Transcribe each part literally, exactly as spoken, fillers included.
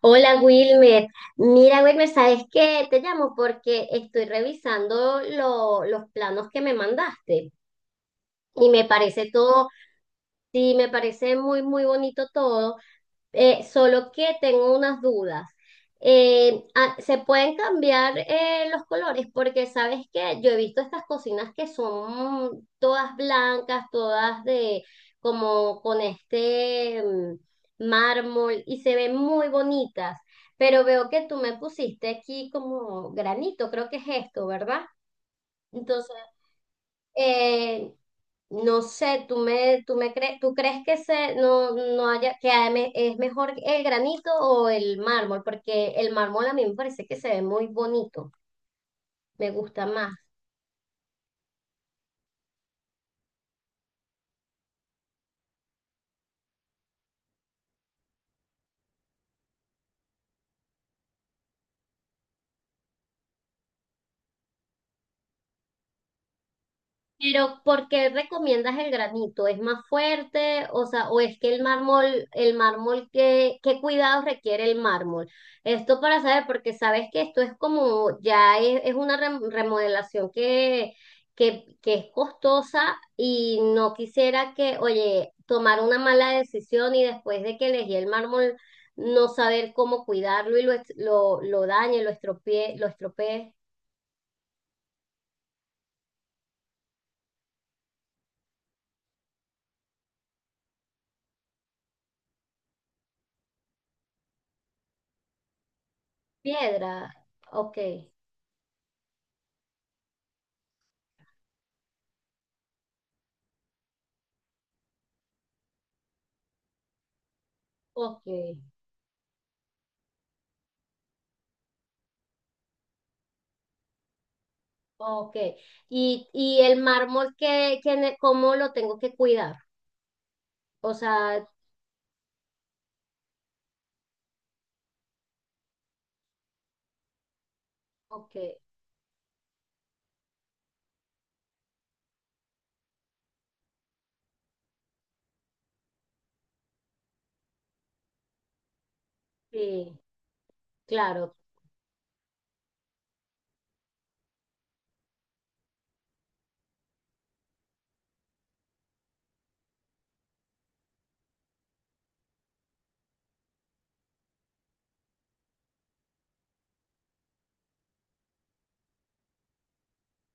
Hola Wilmer, mira Wilmer, ¿sabes qué? Te llamo porque estoy revisando lo- los planos que me mandaste y me parece todo, sí, me parece muy, muy bonito todo, eh, solo que tengo unas dudas. Eh, ah, ¿se pueden cambiar eh, los colores? Porque sabes que yo he visto estas cocinas que son todas blancas, todas de como con este mm, mármol y se ven muy bonitas, pero veo que tú me pusiste aquí como granito, creo que es esto, ¿verdad? Entonces eh, no sé, tú me, tú me crees, tú crees que se, no, no haya, que haya me- es mejor el granito o el mármol, porque el mármol a mí me parece que se ve muy bonito, me gusta más. Pero, ¿por qué recomiendas el granito? ¿Es más fuerte? O sea, o es que el mármol, el mármol, ¿qué, qué cuidados requiere el mármol? Esto para saber, porque sabes que esto es como, ya es, es una rem- remodelación que, que, que es costosa y no quisiera que, oye, tomar una mala decisión y después de que elegí el mármol, no saber cómo cuidarlo y lo, est- lo, lo dañe, lo estropee, lo estropee piedra. Ok, ok. Ok. ¿Y, y el mármol, qué que, cómo lo tengo que cuidar? O sea, ok, sí, claro.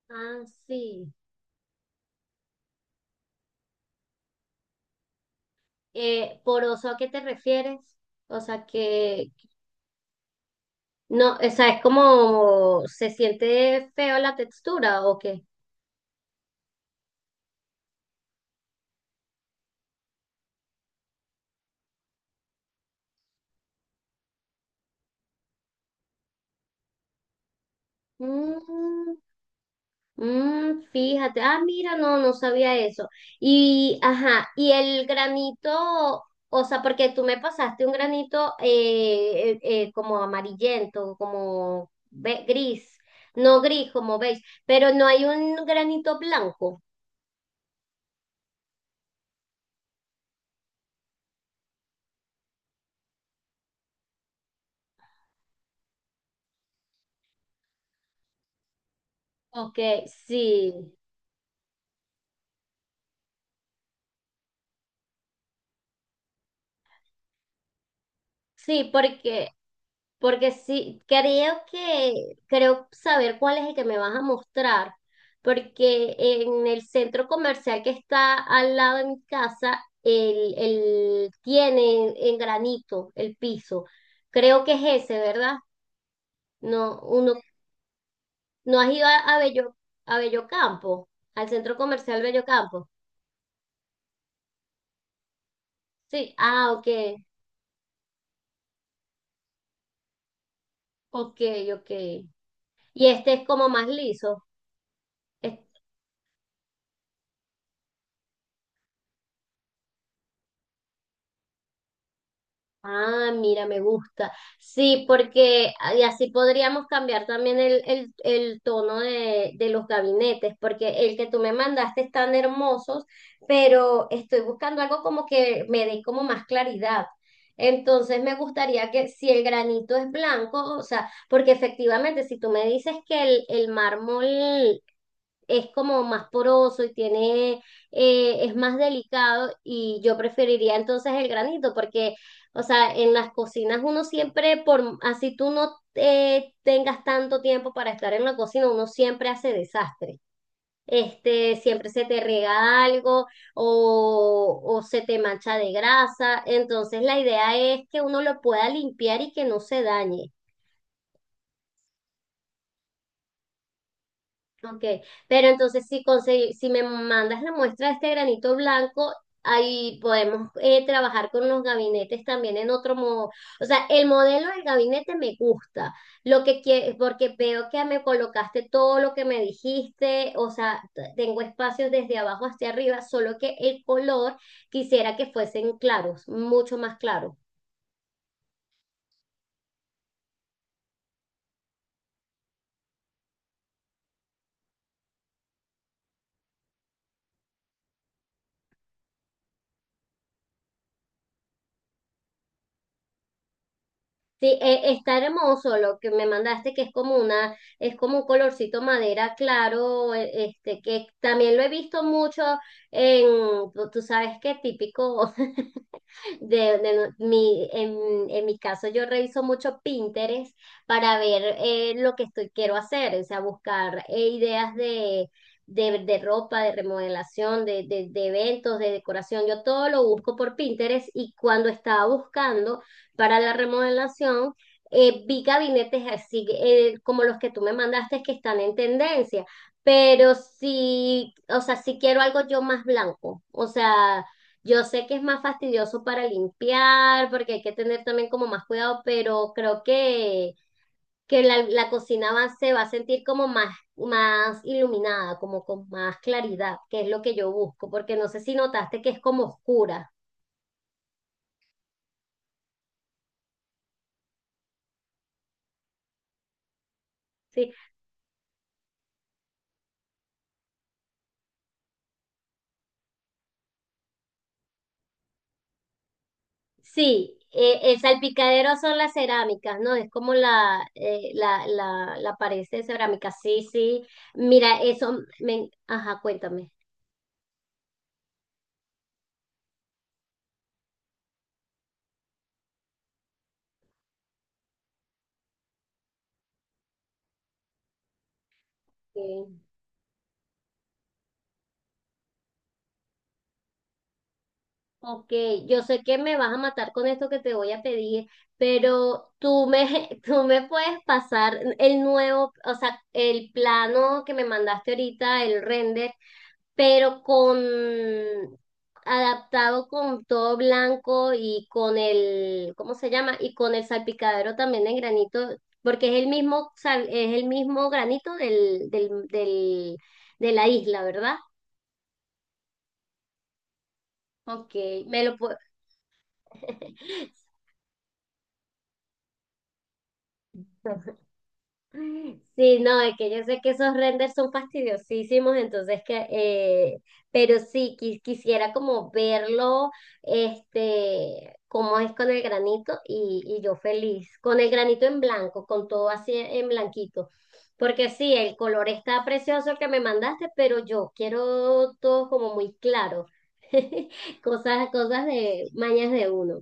Ah, sí. Eh, ¿poroso a qué te refieres? O sea, que no, o sea, es como se siente feo la textura o qué. Mm, mm, fíjate, ah, mira, no, no sabía eso. Y, ajá, y el granito, o sea, porque tú me pasaste un granito eh, eh, eh, como amarillento, como ve- gris, no gris, como beige, pero no hay un granito blanco. Ok, sí. Sí, porque, porque sí, creo que, creo saber cuál es el que me vas a mostrar, porque en el centro comercial que está al lado de mi casa, el, el tiene en granito el piso. Creo que es ese, ¿verdad? No, uno, ¿no has ido a, a Bello, a Bellocampo, al centro comercial Bellocampo? Sí, ah, ok, ok, ok. Y este es como más liso. Ah, mira, me gusta. Sí, porque ah, y así podríamos cambiar también el, el, el tono de, de los gabinetes, porque el que tú me mandaste están hermosos, pero estoy buscando algo como que me dé como más claridad. Entonces me gustaría que si el granito es blanco, o sea, porque efectivamente si tú me dices que el, el mármol es como más poroso y tiene, eh, es más delicado y yo preferiría entonces el granito porque, o sea, en las cocinas uno siempre, por, así tú no eh, tengas tanto tiempo para estar en la cocina, uno siempre hace desastre. Este, siempre se te riega algo o, o se te mancha de grasa. Entonces la idea es que uno lo pueda limpiar y que no se dañe. Ok, pero entonces si consegui- si me mandas la muestra de este granito blanco, ahí podemos eh, trabajar con los gabinetes también en otro modo. O sea, el modelo del gabinete me gusta, lo que quie- porque veo que me colocaste todo lo que me dijiste, o sea, t- tengo espacios desde abajo hacia arriba, solo que el color quisiera que fuesen claros, mucho más claros. Sí, e- está hermoso lo que me mandaste, que es como una, es como un colorcito madera claro, e- este, que también lo he visto mucho en, tú tú sabes qué típico, De, de no, mi, en, en mi caso, yo reviso mucho Pinterest para ver eh, lo que estoy, quiero hacer, o sea, buscar eh, ideas de, de, de ropa, de remodelación, de, de, de eventos, de decoración. Yo todo lo busco por Pinterest y cuando estaba buscando para la remodelación, eh, vi gabinetes así eh, como los que tú me mandaste que están en tendencia. Pero sí, o sea, si quiero algo yo más blanco. O sea, yo sé que es más fastidioso para limpiar, porque hay que tener también como más cuidado, pero creo que, que la, la cocina va, se va a sentir como más, más iluminada, como con más claridad, que es lo que yo busco, porque no sé si notaste que es como oscura, ¿sí? Sí, eh, el salpicadero son las cerámicas, ¿no? Es como la, eh, la, la, la pared de cerámica, sí, sí. Mira, eso, me, ajá, cuéntame. Ok, yo sé que me vas a matar con esto que te voy a pedir, pero tú me, tú me puedes pasar el nuevo, o sea, el plano que me mandaste ahorita, el render, pero con adaptado con todo blanco y con el, ¿cómo se llama? Y con el salpicadero también en granito, porque es el mismo, sal- es el mismo granito del, del, del, de la isla, ¿verdad? Ok, me lo puedo. Sí, no, es que yo sé que esos renders son fastidiosísimos, entonces que, eh, pero sí, qui- quisiera como verlo, este, cómo es con el granito y, y yo feliz, con el granito en blanco, con todo así en blanquito, porque sí, el color está precioso que me mandaste, pero yo quiero todo como muy claro, cosas, cosas de mañas de uno.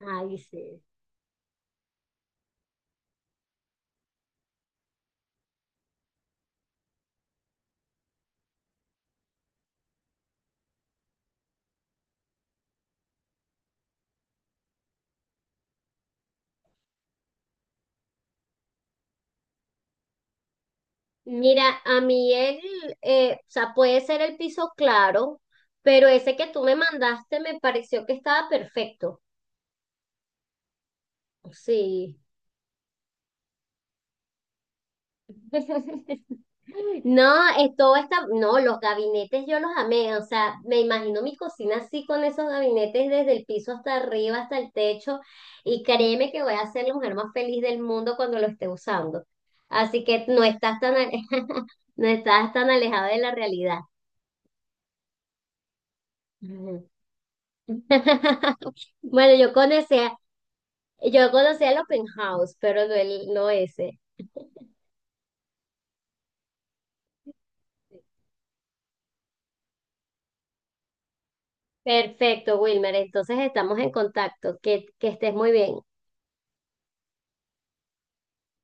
Ay, sí. Mira, a mí el, eh, o sea, puede ser el piso claro, pero ese que tú me mandaste me pareció que estaba perfecto. Sí. No, eh, todo está, no, los gabinetes yo los amé, o sea, me imagino mi cocina así con esos gabinetes desde el piso hasta arriba, hasta el techo, y créeme que voy a ser la mujer más feliz del mundo cuando lo esté usando. Así que no estás tan, ale- no estás tan alejada de la realidad. Ujú. Bueno, yo conocía, yo conocía el open house, pero no el, no ese. Perfecto, Wilmer. Entonces estamos en contacto. Que, que estés muy bien.